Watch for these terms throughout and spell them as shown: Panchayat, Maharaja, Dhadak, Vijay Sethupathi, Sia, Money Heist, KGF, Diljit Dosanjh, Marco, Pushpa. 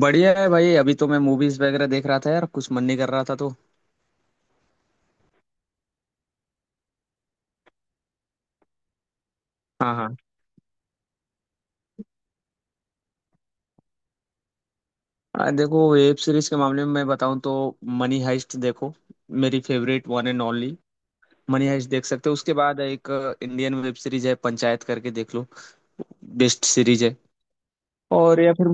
बढ़िया है भाई। अभी तो मैं मूवीज वगैरह देख रहा था यार। कुछ मन नहीं कर रहा था तो। हाँ, हाँ। देखो, वेब सीरीज के मामले में मैं बताऊं तो मनी हाइस्ट देखो। मेरी favourite one and only. Money Heist देख सकते हो। उसके बाद एक इंडियन वेब सीरीज है पंचायत करके, देख लो। बेस्ट सीरीज है। और या फिर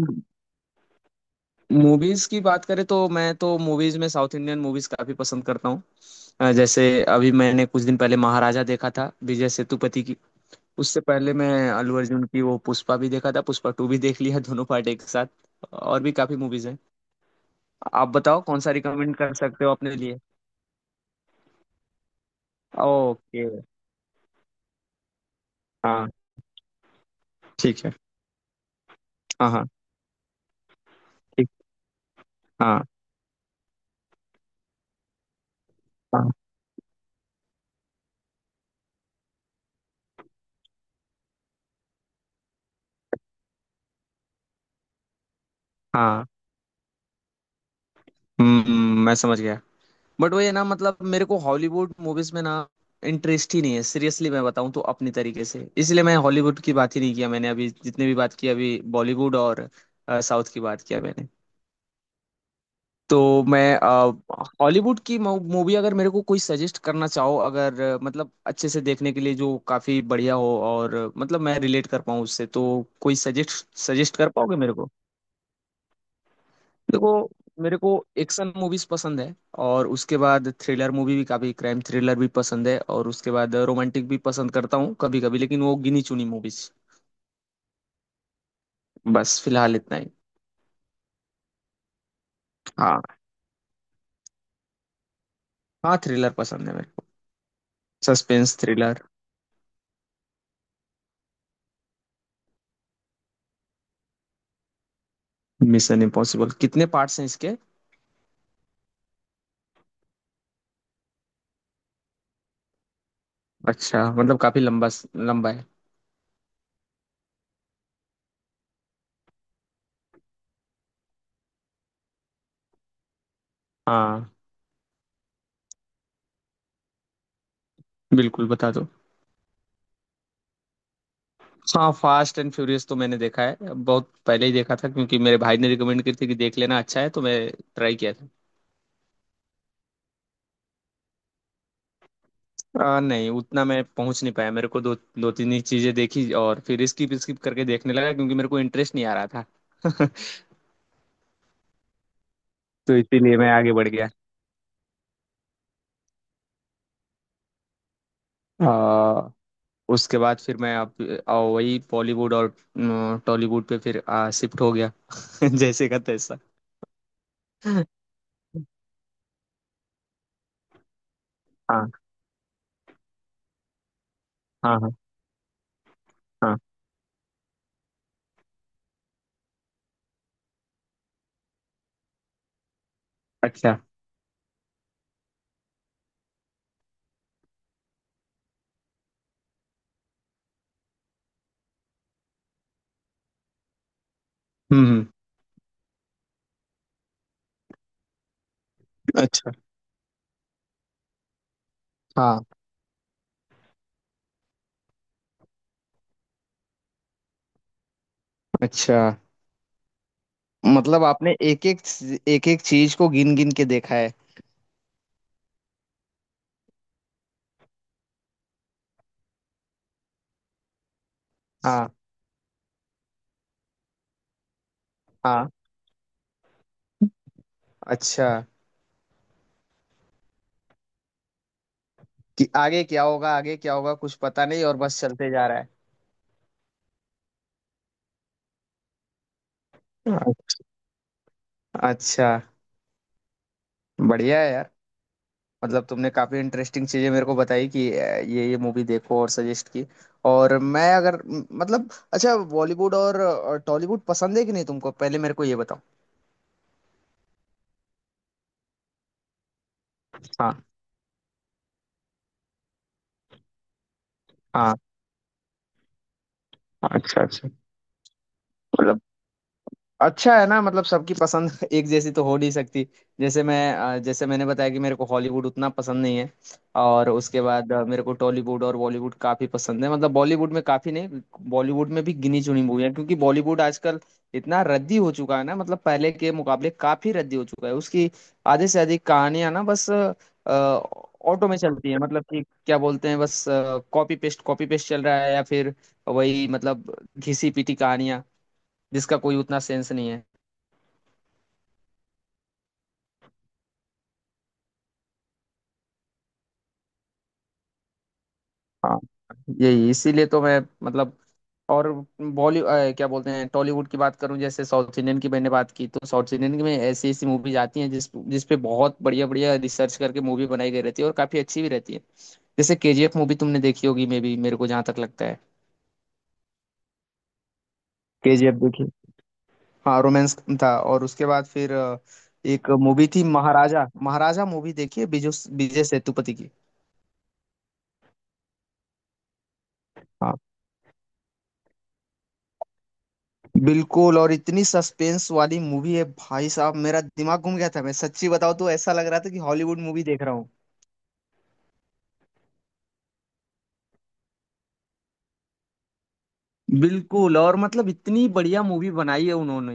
मूवीज की बात करें तो मैं तो मूवीज में साउथ इंडियन मूवीज काफी पसंद करता हूँ। जैसे अभी मैंने कुछ दिन पहले महाराजा देखा था, विजय सेतुपति की। उससे पहले मैं अल्लू अर्जुन की वो पुष्पा भी देखा था, पुष्पा टू भी देख लिया दोनों पार्ट एक साथ। और भी काफी मूवीज हैं। आप बताओ कौन सा रिकमेंड कर सकते हो अपने लिए। ओके। हाँ। ठीक है। हाँ, हाँ। ठीक। हाँ, हाँ, हाँ। हम्म, मैं समझ गया। बट वो ये ना, मतलब मेरे को हॉलीवुड मूवीज में ना इंटरेस्ट ही नहीं है। सीरियसली मैं बताऊं तो, अपने तरीके से, इसलिए मैं हॉलीवुड की बात ही नहीं किया। मैंने अभी जितने भी बात की अभी, बॉलीवुड और साउथ की बात किया मैंने। तो मैं हॉलीवुड की मूवी अगर मेरे को कोई सजेस्ट करना चाहो, अगर मतलब अच्छे से देखने के लिए जो काफी बढ़िया हो, और मतलब मैं रिलेट कर पाऊँ उससे, तो कोई सजेस्ट सजेस्ट कर पाओगे मेरे को? देखो, मेरे को एक्शन मूवीज पसंद है। और उसके बाद थ्रिलर मूवी भी काफी, क्राइम थ्रिलर भी पसंद है। और उसके बाद रोमांटिक भी पसंद करता हूँ कभी कभी, लेकिन वो गिनी चुनी मूवीज। बस फिलहाल इतना ही। हाँ, हाँ, थ्रिलर पसंद है मेरे को। Suspense thriller. मिशन इम्पॉसिबल कितने पार्ट्स हैं इसके? अच्छा, मतलब काफी लंबा लंबा है। हाँ, बिल्कुल बता दो। हाँ, फास्ट एंड फ्यूरियस तो मैंने देखा है। बहुत पहले ही देखा था, क्योंकि मेरे भाई ने रिकमेंड की थी कि देख लेना अच्छा है, तो मैं ट्राई किया था। नहीं, उतना मैं पहुंच नहीं पाया। मेरे को दो दो तीन ही चीजें देखी, और फिर स्किप स्किप करके देखने लगा, क्योंकि मेरे को इंटरेस्ट नहीं आ रहा था। तो इसीलिए मैं आगे बढ़ गया। आ, उसके बाद फिर मैं अब वही बॉलीवुड और न, टॉलीवुड पे फिर शिफ्ट हो गया जैसे का तैसा। हाँ, हाँ, हाँ। अच्छा। हम्म, अच्छा। हाँ। अच्छा। मतलब आपने एक एक एक एक चीज को गिन गिन के देखा है। हाँ, हाँ। अच्छा। कि आगे क्या होगा, आगे क्या होगा, कुछ पता नहीं और बस चलते जा रहा है। अच्छा। अच्छा, बढ़िया है यार। मतलब तुमने काफी इंटरेस्टिंग चीजें मेरे को बताई कि ये मूवी देखो, और सजेस्ट की। और मैं अगर मतलब, अच्छा, बॉलीवुड और टॉलीवुड पसंद है कि नहीं तुमको, पहले मेरे को ये बताओ। हाँ, हाँ। अच्छा, अच्छा। अच्छा है ना, मतलब सबकी पसंद एक जैसी तो हो नहीं सकती। जैसे मैंने बताया कि मेरे को हॉलीवुड उतना पसंद नहीं है। और उसके बाद मेरे को टॉलीवुड और बॉलीवुड काफी पसंद है। मतलब बॉलीवुड में काफी नहीं, बॉलीवुड में भी गिनी चुनी मूवी है, क्योंकि बॉलीवुड आजकल इतना रद्दी हो चुका है ना। मतलब पहले के मुकाबले काफी रद्दी हो चुका है। उसकी आधे से अधिक कहानियां ना बस ऑटो में चलती है। मतलब कि क्या बोलते हैं, बस कॉपी पेस्ट, कॉपी पेस्ट चल रहा है, या फिर वही मतलब घिसी पिटी कहानियां, जिसका कोई उतना सेंस नहीं है। हाँ। यही इसीलिए तो मैं मतलब, और बॉलीवुड क्या बोलते हैं, टॉलीवुड की बात करूं, जैसे साउथ इंडियन की मैंने बात की, तो साउथ इंडियन की में ऐसी ऐसी मूवीज आती हैं जिस जिस पे बहुत बढ़िया बढ़िया रिसर्च करके मूवी बनाई गई रहती है, और काफी अच्छी भी रहती है। जैसे केजीएफ मूवी तुमने देखी होगी, मे भी, मेरे को जहां तक लगता है। केजीएफ देखी। हाँ, रोमांस था। और उसके बाद फिर एक मूवी थी, महाराजा। महाराजा मूवी देखी है, विजय विजय सेतुपति की। हाँ, बिल्कुल। और इतनी सस्पेंस वाली मूवी है भाई साहब, मेरा दिमाग घूम गया था। मैं सच्ची बताऊं तो ऐसा लग रहा था कि हॉलीवुड मूवी देख रहा हूँ। बिल्कुल। और मतलब इतनी बढ़िया मूवी बनाई है उन्होंने,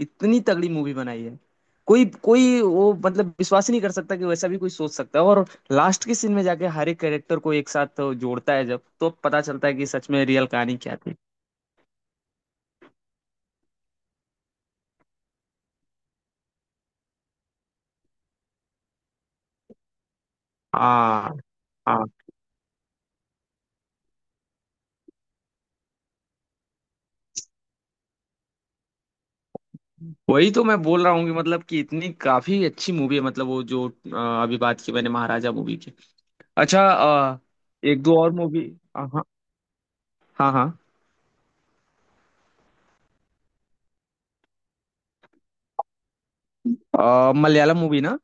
इतनी तगड़ी मूवी बनाई है। कोई कोई वो मतलब विश्वास ही नहीं कर सकता कि वैसा भी कोई सोच सकता है। और लास्ट के सीन में जाके हर एक कैरेक्टर को एक साथ जोड़ता है, जब तो पता चलता है कि सच में रियल कहानी क्या थी। हाँ, हाँ। वही तो मैं बोल रहा हूँ कि मतलब कि इतनी काफी अच्छी मूवी है। मतलब वो जो अभी बात की मैंने, महाराजा मूवी की। अच्छा। अ, एक दो और मूवी। हाँ, हाँ, हाँ। मलयालम मूवी ना?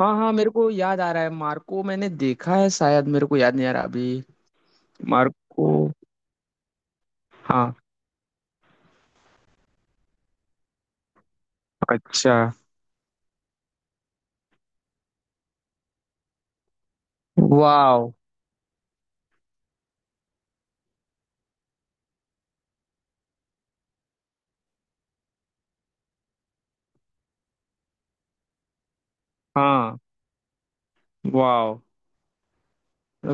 हाँ, हाँ, मेरे को याद आ रहा है, मार्को मैंने देखा है शायद, मेरे को याद नहीं आ रहा अभी। मार्को। हाँ। अच्छा। वाओ। हाँ। वाओ।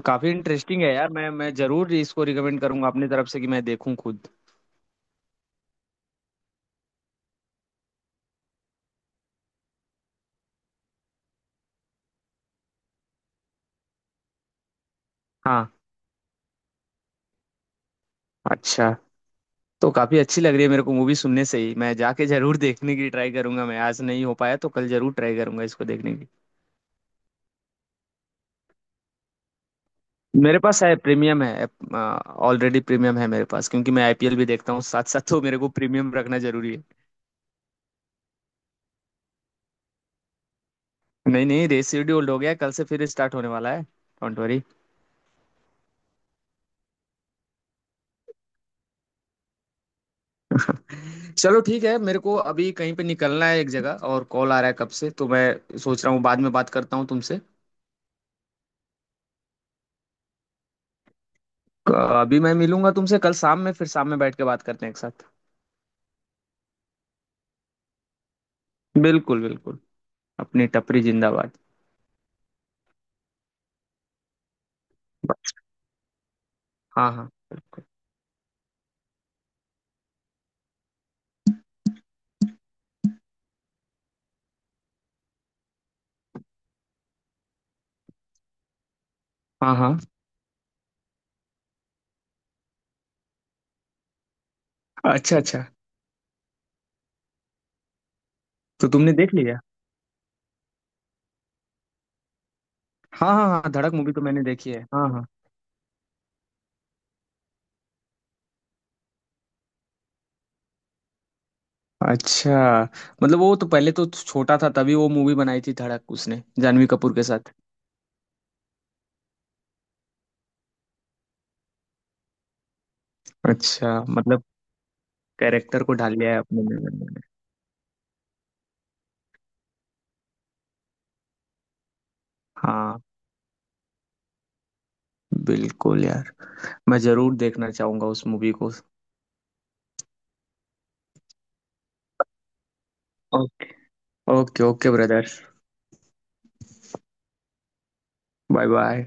काफी इंटरेस्टिंग है यार। मैं जरूर इसको रिकमेंड करूंगा अपनी तरफ से, कि मैं देखूं खुद। हाँ। अच्छा, तो काफी अच्छी लग रही है मेरे को मूवी सुनने से ही। मैं जाके जरूर देखने की ट्राई करूंगा। मैं आज नहीं हो पाया तो कल जरूर ट्राई करूंगा इसको देखने की। मेरे पास है, प्रीमियम है। ऑलरेडी प्रीमियम है मेरे पास, क्योंकि मैं आईपीएल भी देखता हूँ साथ साथ, तो मेरे को प्रीमियम रखना जरूरी है। नहीं, नहीं, रेस शेड्यूल्ड हो गया, कल से फिर स्टार्ट होने वाला है, डोंट वरी। चलो ठीक है, मेरे को अभी कहीं पे निकलना है एक जगह, और कॉल आ रहा है कब से, तो मैं सोच रहा हूँ बाद में बात करता हूँ तुमसे। अ, अभी मैं मिलूंगा तुमसे कल शाम में, फिर शाम में बैठ के बात करते हैं एक साथ। बिल्कुल, बिल्कुल। अपनी टपरी जिंदाबाद। हाँ, हाँ। बिल्कुल। हाँ, हाँ। अच्छा। अच्छा, तो तुमने देख लिया? हाँ, हाँ, हाँ, धड़क मूवी तो मैंने देखी है, हाँ, हाँ। अच्छा, मतलब वो तो पहले तो छोटा था, तभी वो मूवी बनाई थी धड़क उसने जानवी कपूर के साथ। अच्छा, मतलब कैरेक्टर को ढाल लिया है अपने में। हाँ, बिल्कुल यार, मैं जरूर देखना चाहूंगा उस मूवी को। Okay. Okay, okay brother. Bye bye.